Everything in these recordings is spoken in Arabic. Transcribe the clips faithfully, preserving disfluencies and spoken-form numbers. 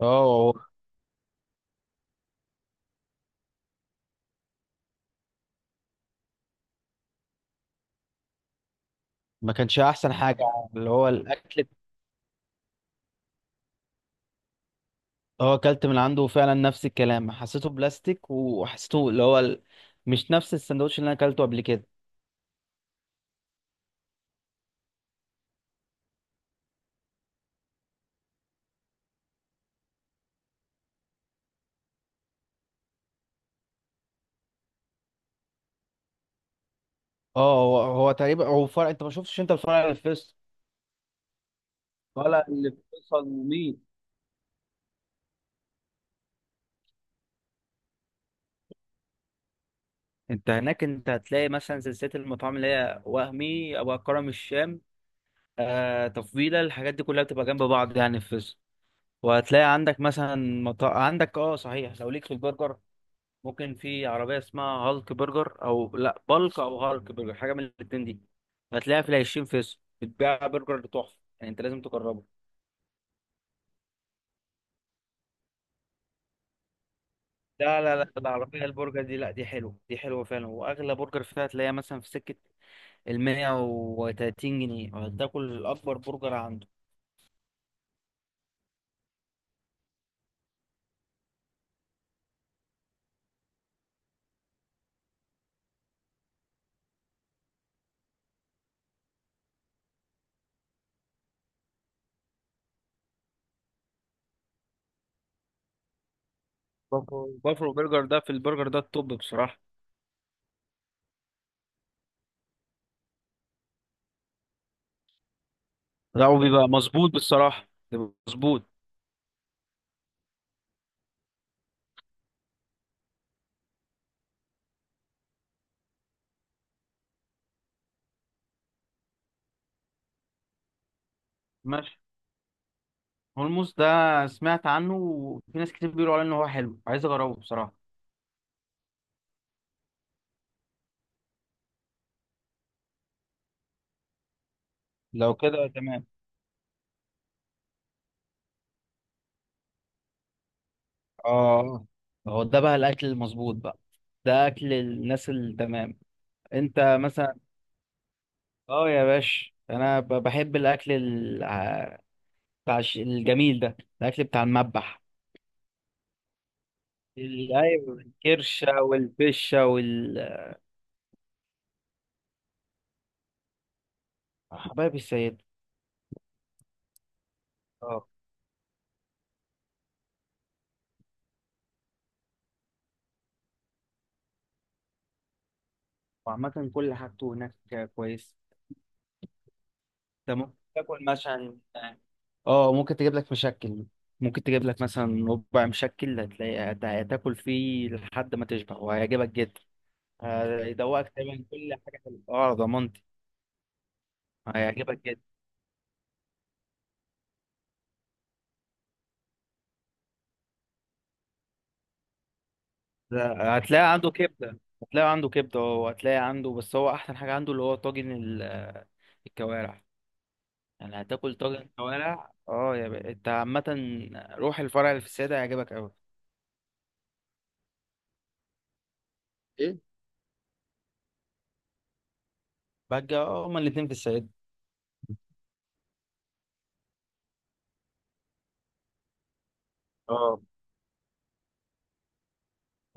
اه، هو ما كانش احسن حاجه. اللي هو الاكل، هو اكلت من عنده فعلا، نفس الكلام، حسيته بلاستيك وحسيته اللي هو ال... مش نفس السندوتش اللي انا اكلته قبل كده. اه، هو هو تقريبا هو فرق. انت ما شفتش انت الفرع اللي في فيصل ولا اللي في فيصل؟ ومين؟ انت هناك انت هتلاقي مثلا سلسله المطاعم اللي هي وهمي ابو كرم الشام. آه، تفضيله، الحاجات دي كلها بتبقى جنب بعض يعني في فيصل. وهتلاقي عندك مثلا مطا... عندك، اه صحيح، لو ليك في البرجر، ممكن في عربية اسمها هالك برجر أو لأ بالك أو هالك برجر، حاجة من الاتنين دي. هتلاقيها في العشرين فيصل، بتبيع برجر تحفة، يعني أنت لازم تجربه. لا لا لا، العربية البرجر دي لأ، دي حلوة، دي حلوة فعلا. وأغلى برجر فيها هتلاقيها مثلا في سكة المية وتلاتين جنيه وهتاكل أكبر برجر عنده. بافلو بافلو برجر ده، في البرجر ده التوب بصراحة. لا، وبيبقى مظبوط بالصراحة، بيبقى مظبوط. ماشي. هولموس ده سمعت عنه، وفي ناس كتير بيقولوا عليه إن هو حلو، عايز أجربه بصراحة. لو كده تمام. اه، هو ده بقى الاكل المظبوط بقى. ده اكل الناس التمام. انت مثلا. اه يا باش، انا ب- بحب الاكل ال- ع- بتاع الش- الجميل ده، الاكل بتاع المذبح. ال- ايوه، الكرشه والفشه وال حبايب السيد. اه، وعامة كل حاجته هناك كويس. انت ممكن تاكل مثلا، اه ممكن تجيب لك مشكل، ممكن تجيب لك مثلا ربع مشكل، هتلاقي هت- هتاكل فيه لحد ما تشبع وهيعجبك جدا. ماشي، هيدوقك تقريبا كل حاجه حلوه، اه ضمانتي. هيعجبك جدا. ده هتلاقي عنده كبده، هتلاقي عنده كبده وهتلاقي عنده، بس هو احسن حاجه عنده اللي هو طاجن ال- الكوارع. يعني هتاكل طاجن كوارع، اه يا بقى. انت عامه روح الفرع اللي في السيده، هيعجبك قوي. ايه بقى؟ اه، هما الاتنين في السيده. اه،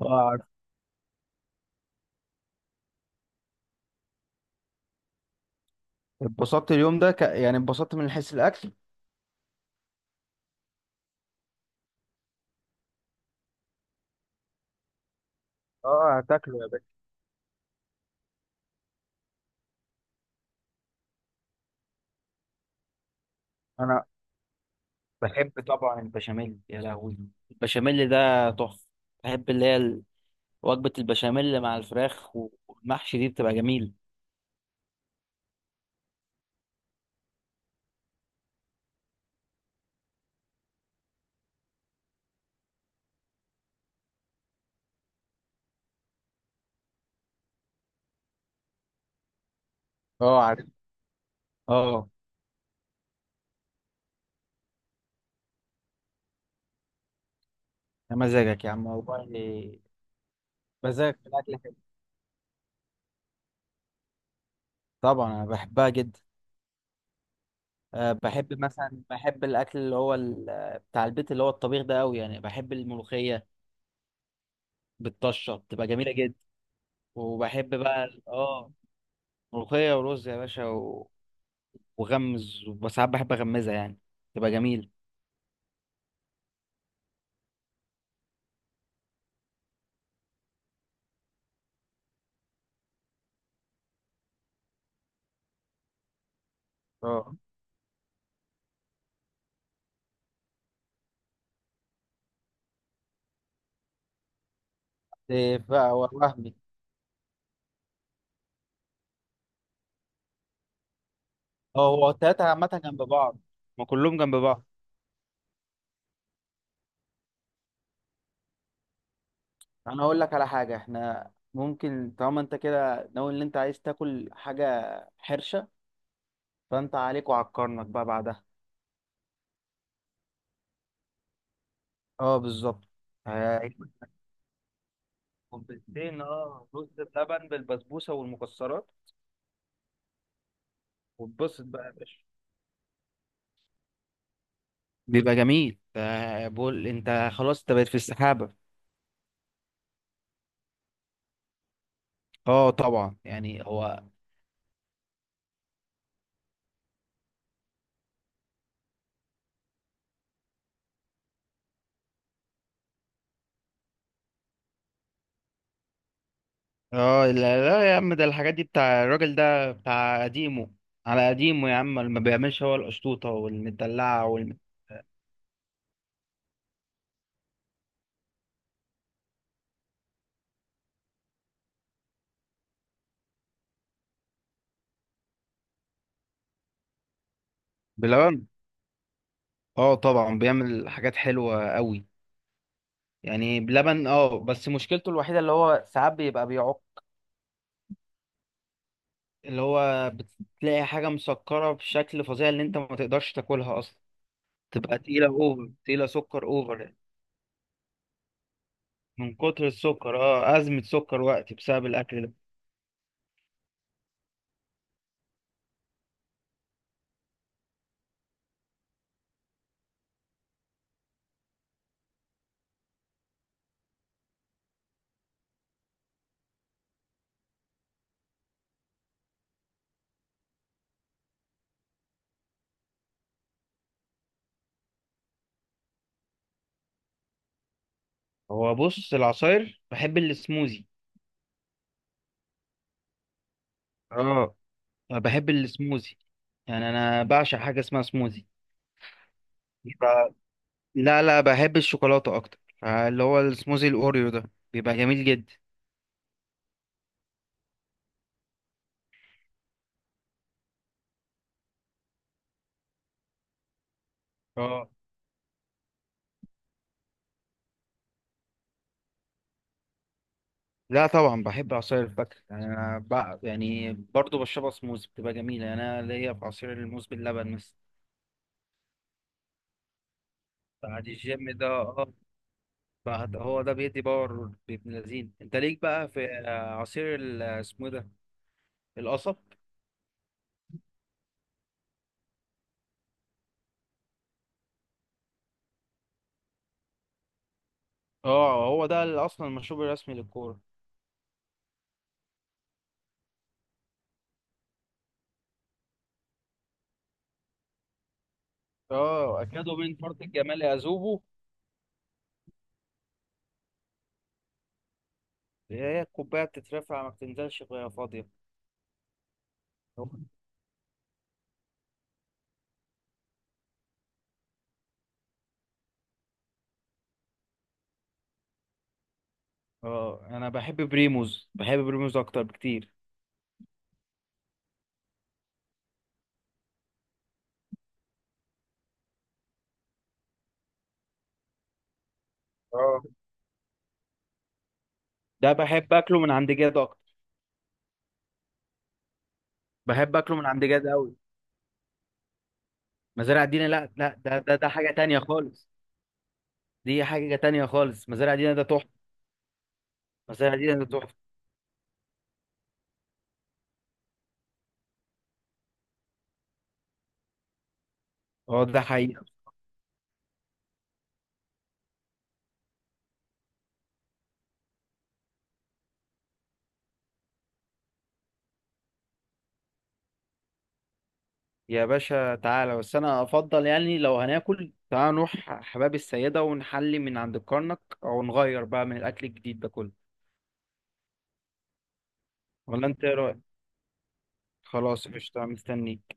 اه، عارف. اتبسطت اليوم ده، ك... يعني اتبسطت من حيث الاكل. اه، هتاكله يا باشا. انا بحب طبعا البشاميل، يا لهوي البشاميل ده تحفه. بحب اللي هي وجبة البشاميل مع الفراخ والمحشي دي، بتبقى جميل. اه، عارف. اه يا مزاجك يا عم والله. مزاجك في الاكل حلو، طبعا انا بحبها جدا. أه، بحب مثلا، بحب الاكل اللي هو ال- آه، بتاع البيت اللي هو الطبيخ ده قوي، يعني بحب الملوخية بالطشة، بتبقى جميلة جدا. وبحب بقى ال- اه ملوخية ورز يا باشا و- وغمز، وساعات بحب اغمزها يعني، تبقى جميل. اه. إيه بقى وهمي. اه، هو التلاتة عامة جنب بعض، ما كلهم جنب بعض. انا اقول لك على حاجه، احنا ممكن طالما انت كده ناوي ان انت عايز تاكل حاجه حرشه، فانت عليك وعلى الكرنك بقى بعدها. اه بالظبط. هيعيش كوبايتين، اه، رز بلبن بالبسبوسه والمكسرات، واتبسط بقى يا باشا. بيبقى جميل. آه، بقول انت خلاص انت بقيت في السحابة. اه طبعا يعني هو. اه، لا لا يا عم، ده الحاجات دي بتاع الراجل ده بتاع قديمه، على قديمه يا عم، ما بيعملش هو القشطوطة والمدلعة وال... بلبن. اه طبعا بيعمل حاجات حلوة قوي. يعني بلبن، اه، بس مشكلته الوحيدة اللي هو ساعات بيبقى بيعق. اللي هو بتلاقي حاجة مسكرة بشكل فظيع، اللي انت ما تقدرش تاكلها اصلا، تبقى تقيلة اوفر، تقيلة سكر اوفر يعني. من كتر السكر، اه أزمة سكر وقت بسبب الأكل ده. هو بص، العصاير بحب السموزي. اه، أنا بحب السموزي، يعني أنا بعشق حاجة اسمها سموزي. يبقى. لا لا، بحب الشوكولاتة أكتر، اللي هو السموزي الأوريو ده بيبقى جميل جدا. اه لا طبعا بحب عصير الفاكهة، يعني أنا بقى يعني برضه بشربها سموز، بتبقى جميلة، يعني أنا ليا في عصير الموز باللبن مثلا. بعد الجيم ده، اه. بعد، هو ده بيدي باور بابن لذين. أنت ليك بقى في آه، عصير ال- اسمه إيه ده، القصب. اه، هو ده ال- أصلا المشروب الرسمي للكورة. اه، أكادوا من فرط الجمال يذوبوا. هي الكوباية بتترفع ما بتنزلش وهي فاضية. اه، أنا بحب بريموز، بحب بريموز أكتر بكتير. اه، ده بحب أكله من عند جاد أكتر. بحب اكله من عند جد قوي. مزارع دينا، لا لا، ده ده ده حاجه تانية خالص. دي حاجه تانية خالص، مزارع دينا ده تحفه، مزارع دينا ده تحفه. اه ده حقيقه. يا باشا تعالى، بس انا افضل يعني لو هناكل، تعالى نروح حباب السيده ونحلي من عند الكرنك، او نغير بقى من الاكل الجديد ده كله. ولا انت ايه رايك؟ خلاص، قشطه، مستنيك.